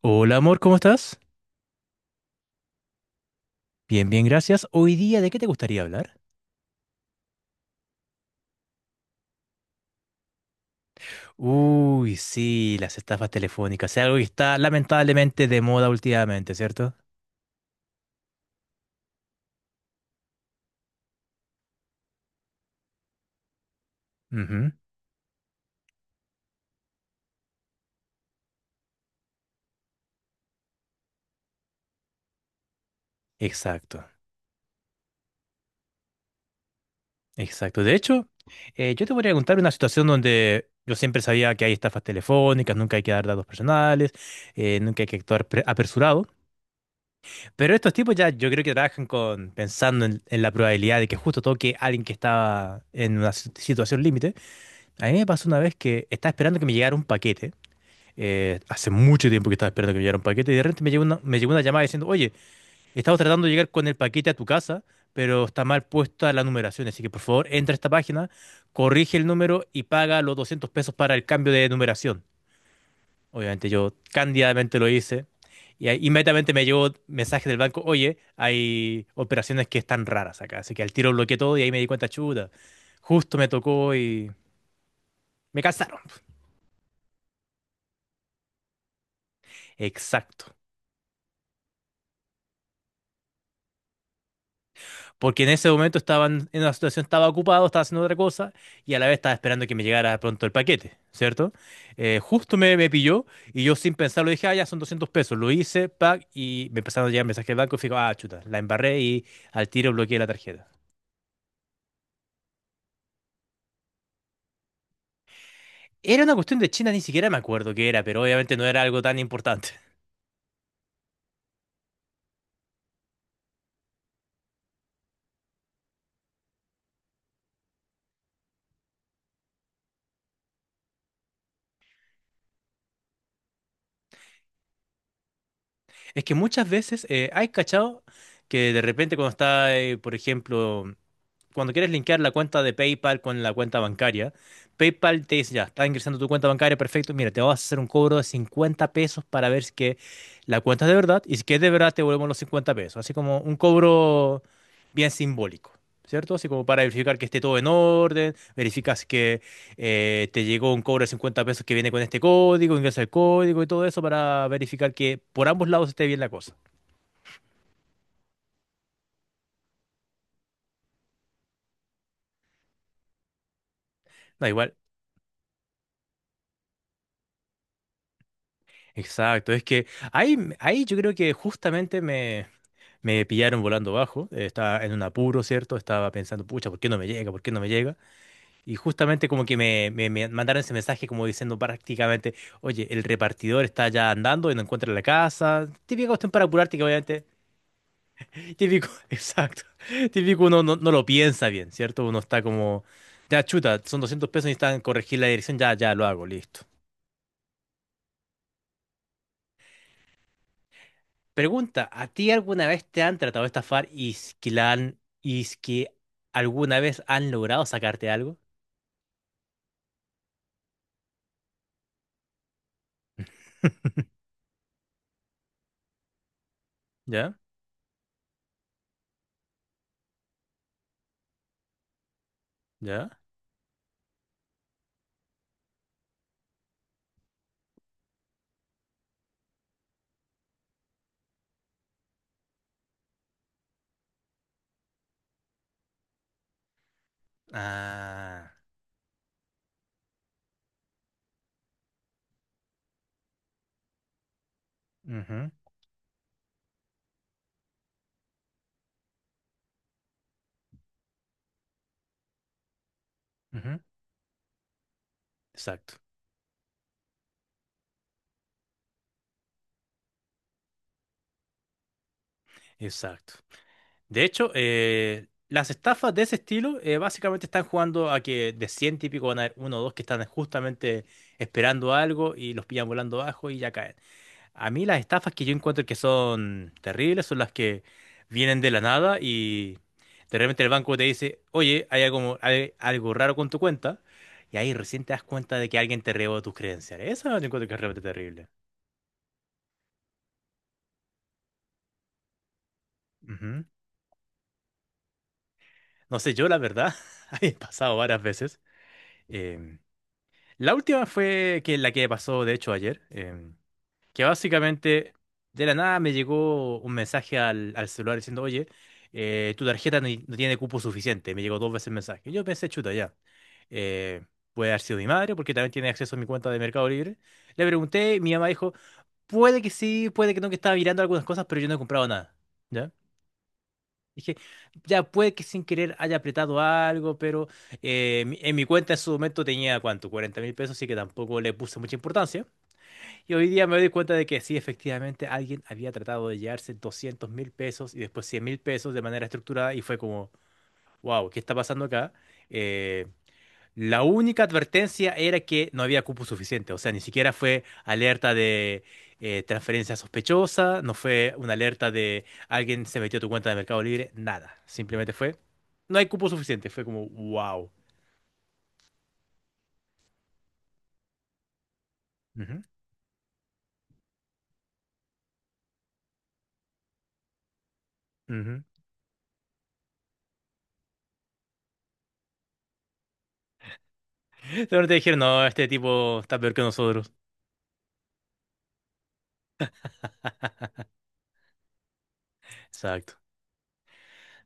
Hola amor, ¿cómo estás? Bien, bien, gracias. Hoy día, ¿de qué te gustaría hablar? Uy, sí, las estafas telefónicas. Es algo que está lamentablemente de moda últimamente, ¿cierto? Ujú. Exacto, exacto. De hecho, yo te voy a contar una situación donde yo siempre sabía que hay estafas telefónicas, nunca hay que dar datos personales, nunca hay que actuar apresurado. Pero estos tipos ya yo creo que trabajan con pensando en la probabilidad de que justo toque a alguien que está en una situación límite. A mí me pasó una vez que estaba esperando que me llegara un paquete. Hace mucho tiempo que estaba esperando que me llegara un paquete y de repente me llegó una llamada diciendo, oye, estamos tratando de llegar con el paquete a tu casa, pero está mal puesta la numeración, así que por favor entra a esta página, corrige el número y paga los 200 pesos para el cambio de numeración. Obviamente yo cándidamente lo hice y ahí inmediatamente me llegó mensaje del banco, oye, hay operaciones que están raras acá, así que al tiro bloqueé todo y ahí me di cuenta, chuta, justo me tocó y me cansaron. Exacto. Porque en ese momento estaban en una situación, estaba ocupado, estaba haciendo otra cosa y a la vez estaba esperando que me llegara pronto el paquete, ¿cierto? Justo me pilló y yo sin pensarlo dije, ah, ya son 200 pesos. Lo hice, pack, y me empezaron a llegar mensajes del banco y fijo, ah, chuta, la embarré y al tiro bloqueé la tarjeta. Era una cuestión de China, ni siquiera me acuerdo qué era, pero obviamente no era algo tan importante. Es que muchas veces, ¿hay cachado? Que de repente cuando está, por ejemplo, cuando quieres linkear la cuenta de PayPal con la cuenta bancaria, PayPal te dice, ya, está ingresando tu cuenta bancaria, perfecto, mira, te vas a hacer un cobro de 50 pesos para ver si que la cuenta es de verdad y si que es de verdad te devolvemos los 50 pesos, así como un cobro bien simbólico. ¿Cierto? Así como para verificar que esté todo en orden, verificas que te llegó un cobro de 50 pesos que viene con este código, ingresa el código y todo eso para verificar que por ambos lados esté bien la cosa. Da igual. Exacto, es que ahí yo creo que justamente me pillaron volando bajo, estaba en un apuro, ¿cierto? Estaba pensando, pucha, ¿por qué no me llega? ¿Por qué no me llega? Y justamente como que me mandaron ese mensaje como diciendo prácticamente, oye, el repartidor está ya andando y no encuentra la casa. Típica cuestión para apurarte que obviamente, típico, exacto, típico uno no lo piensa bien, ¿cierto? Uno está como, ya chuta, son 200 pesos y necesitan corregir la dirección, ya, ya lo hago, listo. Pregunta, ¿a ti alguna vez te han tratado de estafar y es que alguna vez han logrado sacarte algo? ¿Ya? ¿Ya? Ah, ujú, ujú. Exacto, exacto. De hecho, las estafas de ese estilo básicamente están jugando a que de 100 típicos van a haber uno o dos que están justamente esperando algo y los pillan volando abajo y ya caen. A mí las estafas que yo encuentro que son terribles son las que vienen de la nada y de repente el banco te dice, oye, hay algo raro con tu cuenta y ahí recién te das cuenta de que alguien te robó tus credenciales. Eso yo encuentro que es realmente terrible. Ujú. No sé, yo la verdad, ha pasado varias veces. Em, la última fue que la que pasó, de hecho, ayer, que básicamente de la nada me llegó un mensaje al celular diciendo, oye, tu tarjeta no tiene cupo suficiente. Me llegó dos veces el mensaje. Yo pensé, chuta, ya. eh, Puede haber sido mi madre, porque también tiene acceso a mi cuenta de Mercado Libre. Le pregunté, mi mamá dijo, puede que sí, puede que no, que estaba mirando algunas cosas, pero yo no he comprado nada. Dije, ya puede que sin querer haya apretado algo, pero en mi cuenta en su momento tenía, ¿cuánto? 40.000 pesos, así que tampoco le puse mucha importancia. Y hoy día me doy cuenta de que sí, efectivamente, alguien había tratado de llevarse 200.000 pesos y después 100.000 pesos de manera estructurada y fue como, wow, ¿qué está pasando acá? Eh, la única advertencia era que no había cupo suficiente, o sea, ni siquiera fue alerta de transferencia sospechosa, no fue una alerta de alguien se metió a tu cuenta de Mercado Libre, nada, simplemente fue, no hay cupo suficiente, fue como, wow. Ujú, ujú. Pero te dijeron, no, este tipo está peor que nosotros. Exacto.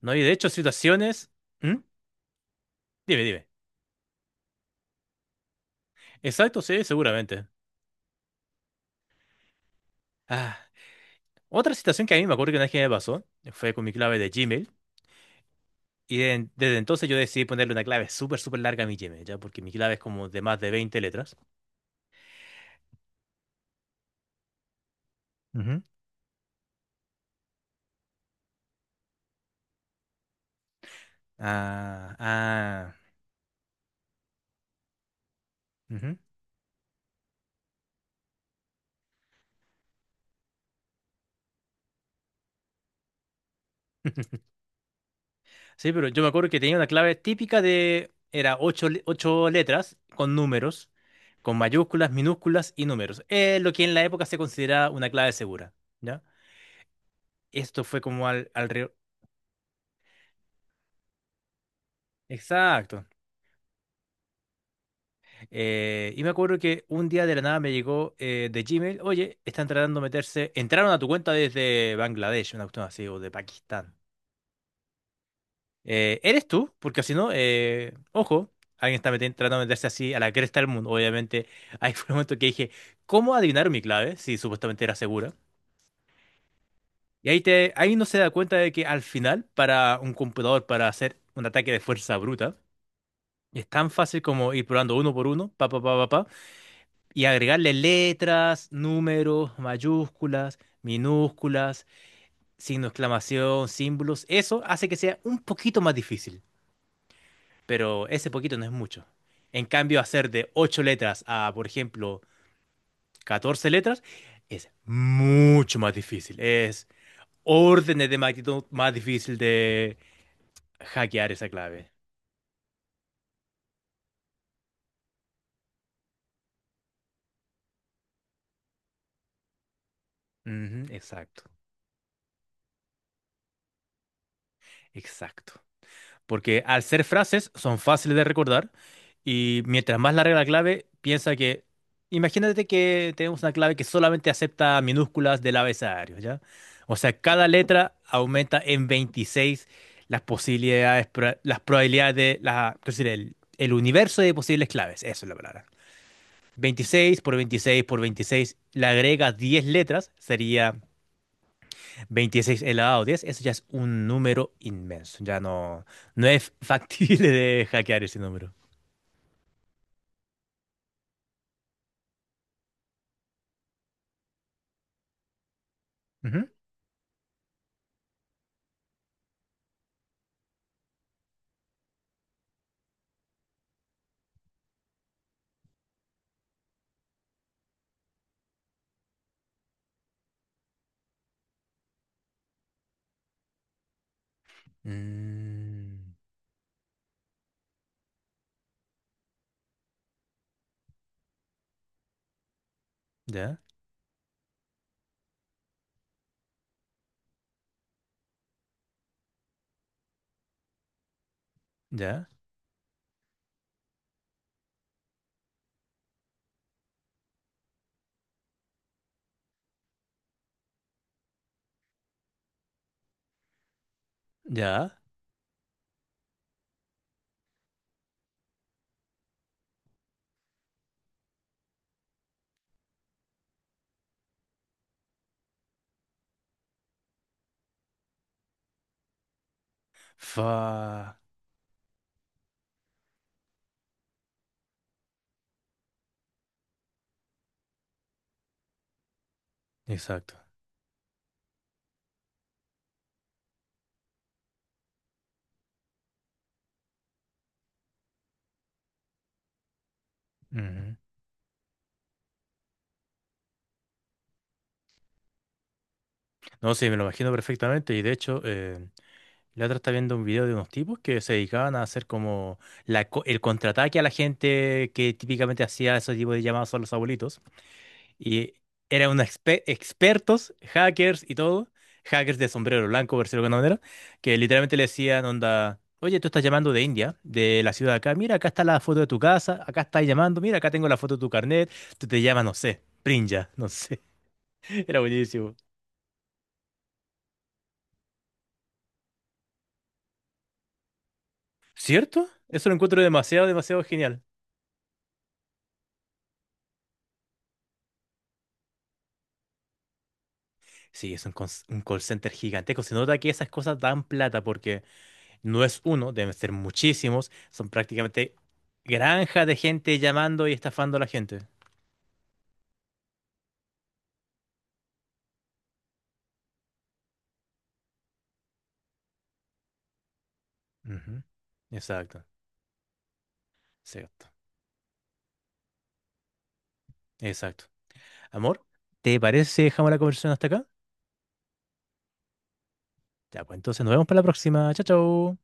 No, y de hecho, situaciones... ¿Mm? Dime, dime. Exacto, sí, seguramente. Ah, otra situación que a mí me acuerdo que una vez que me pasó, fue con mi clave de Gmail. Y desde entonces yo decidí ponerle una clave súper, súper larga a mi Gmail, ¿ya? Porque mi clave es como de más de 20 letras. Ujú. Ah, ah, ujú. Sí, pero yo me acuerdo que tenía una clave típica de, era ocho letras con números, con mayúsculas, minúsculas y números. Lo que en la época se consideraba una clave segura, ¿ya? Esto fue como al, alrededor... Exacto. Y me acuerdo que un día de la nada me llegó de Gmail, oye, están tratando de meterse, entraron a tu cuenta desde Bangladesh, una cuestión así, o de Pakistán. ¿Eres tú? Porque si no, ojo, alguien está tratando de meterse así a la cresta del mundo. Obviamente, ahí fue el momento que dije, ¿cómo adivinar mi clave? Si supuestamente era segura. Y ahí no se da cuenta de que al final, para un computador, para hacer un ataque de fuerza bruta, es tan fácil como ir probando uno por uno, pa, pa, pa, pa, pa, y agregarle letras, números, mayúsculas, minúsculas, signo de exclamación, símbolos, eso hace que sea un poquito más difícil, pero ese poquito no es mucho. En cambio, hacer de 8 letras a, por ejemplo, 14 letras es mucho más difícil, es órdenes de magnitud más difícil de hackear esa clave. Ujú, exacto, exacto. Porque al ser frases son fáciles de recordar y mientras más larga la clave, piensa que, imagínate que tenemos una clave que solamente acepta minúsculas del abecedario, ¿ya? O sea, cada letra aumenta en 26 las posibilidades, las probabilidades es decir, el universo de posibles claves, eso es la palabra. 26 por 26 por 26, le agrega 10 letras, sería 26 elevado a 10 eso ya es un número inmenso. Ya no, no es factible de hackear ese número. Ujú. Mm, ya, ya, ya. Fa. Exacto. Ujú. No, sí, me lo imagino perfectamente. Y de hecho, la otra está viendo un video de unos tipos que se dedicaban a hacer como el contraataque a la gente que típicamente hacía ese tipo de llamadas a los abuelitos. Y eran unos expertos, hackers y todo, hackers de sombrero blanco, por decirlo de alguna manera, que literalmente le decían, onda, oye, tú estás llamando de India, de la ciudad de acá, mira, acá está la foto de tu casa, acá estás llamando, mira, acá tengo la foto de tu carnet, tú te llamas, no sé, Prinja, no sé, era buenísimo. ¿Cierto? Eso lo encuentro demasiado, demasiado genial. Sí, es un call center gigantesco, se nota que esas cosas dan plata porque... No es uno, deben ser muchísimos. Son prácticamente granja de gente llamando y estafando a la gente. Ujú. Exacto, exacto, exacto. Amor, ¿te parece si dejamos la conversación hasta acá? Ya, pues entonces nos vemos para la próxima. Chao, chao.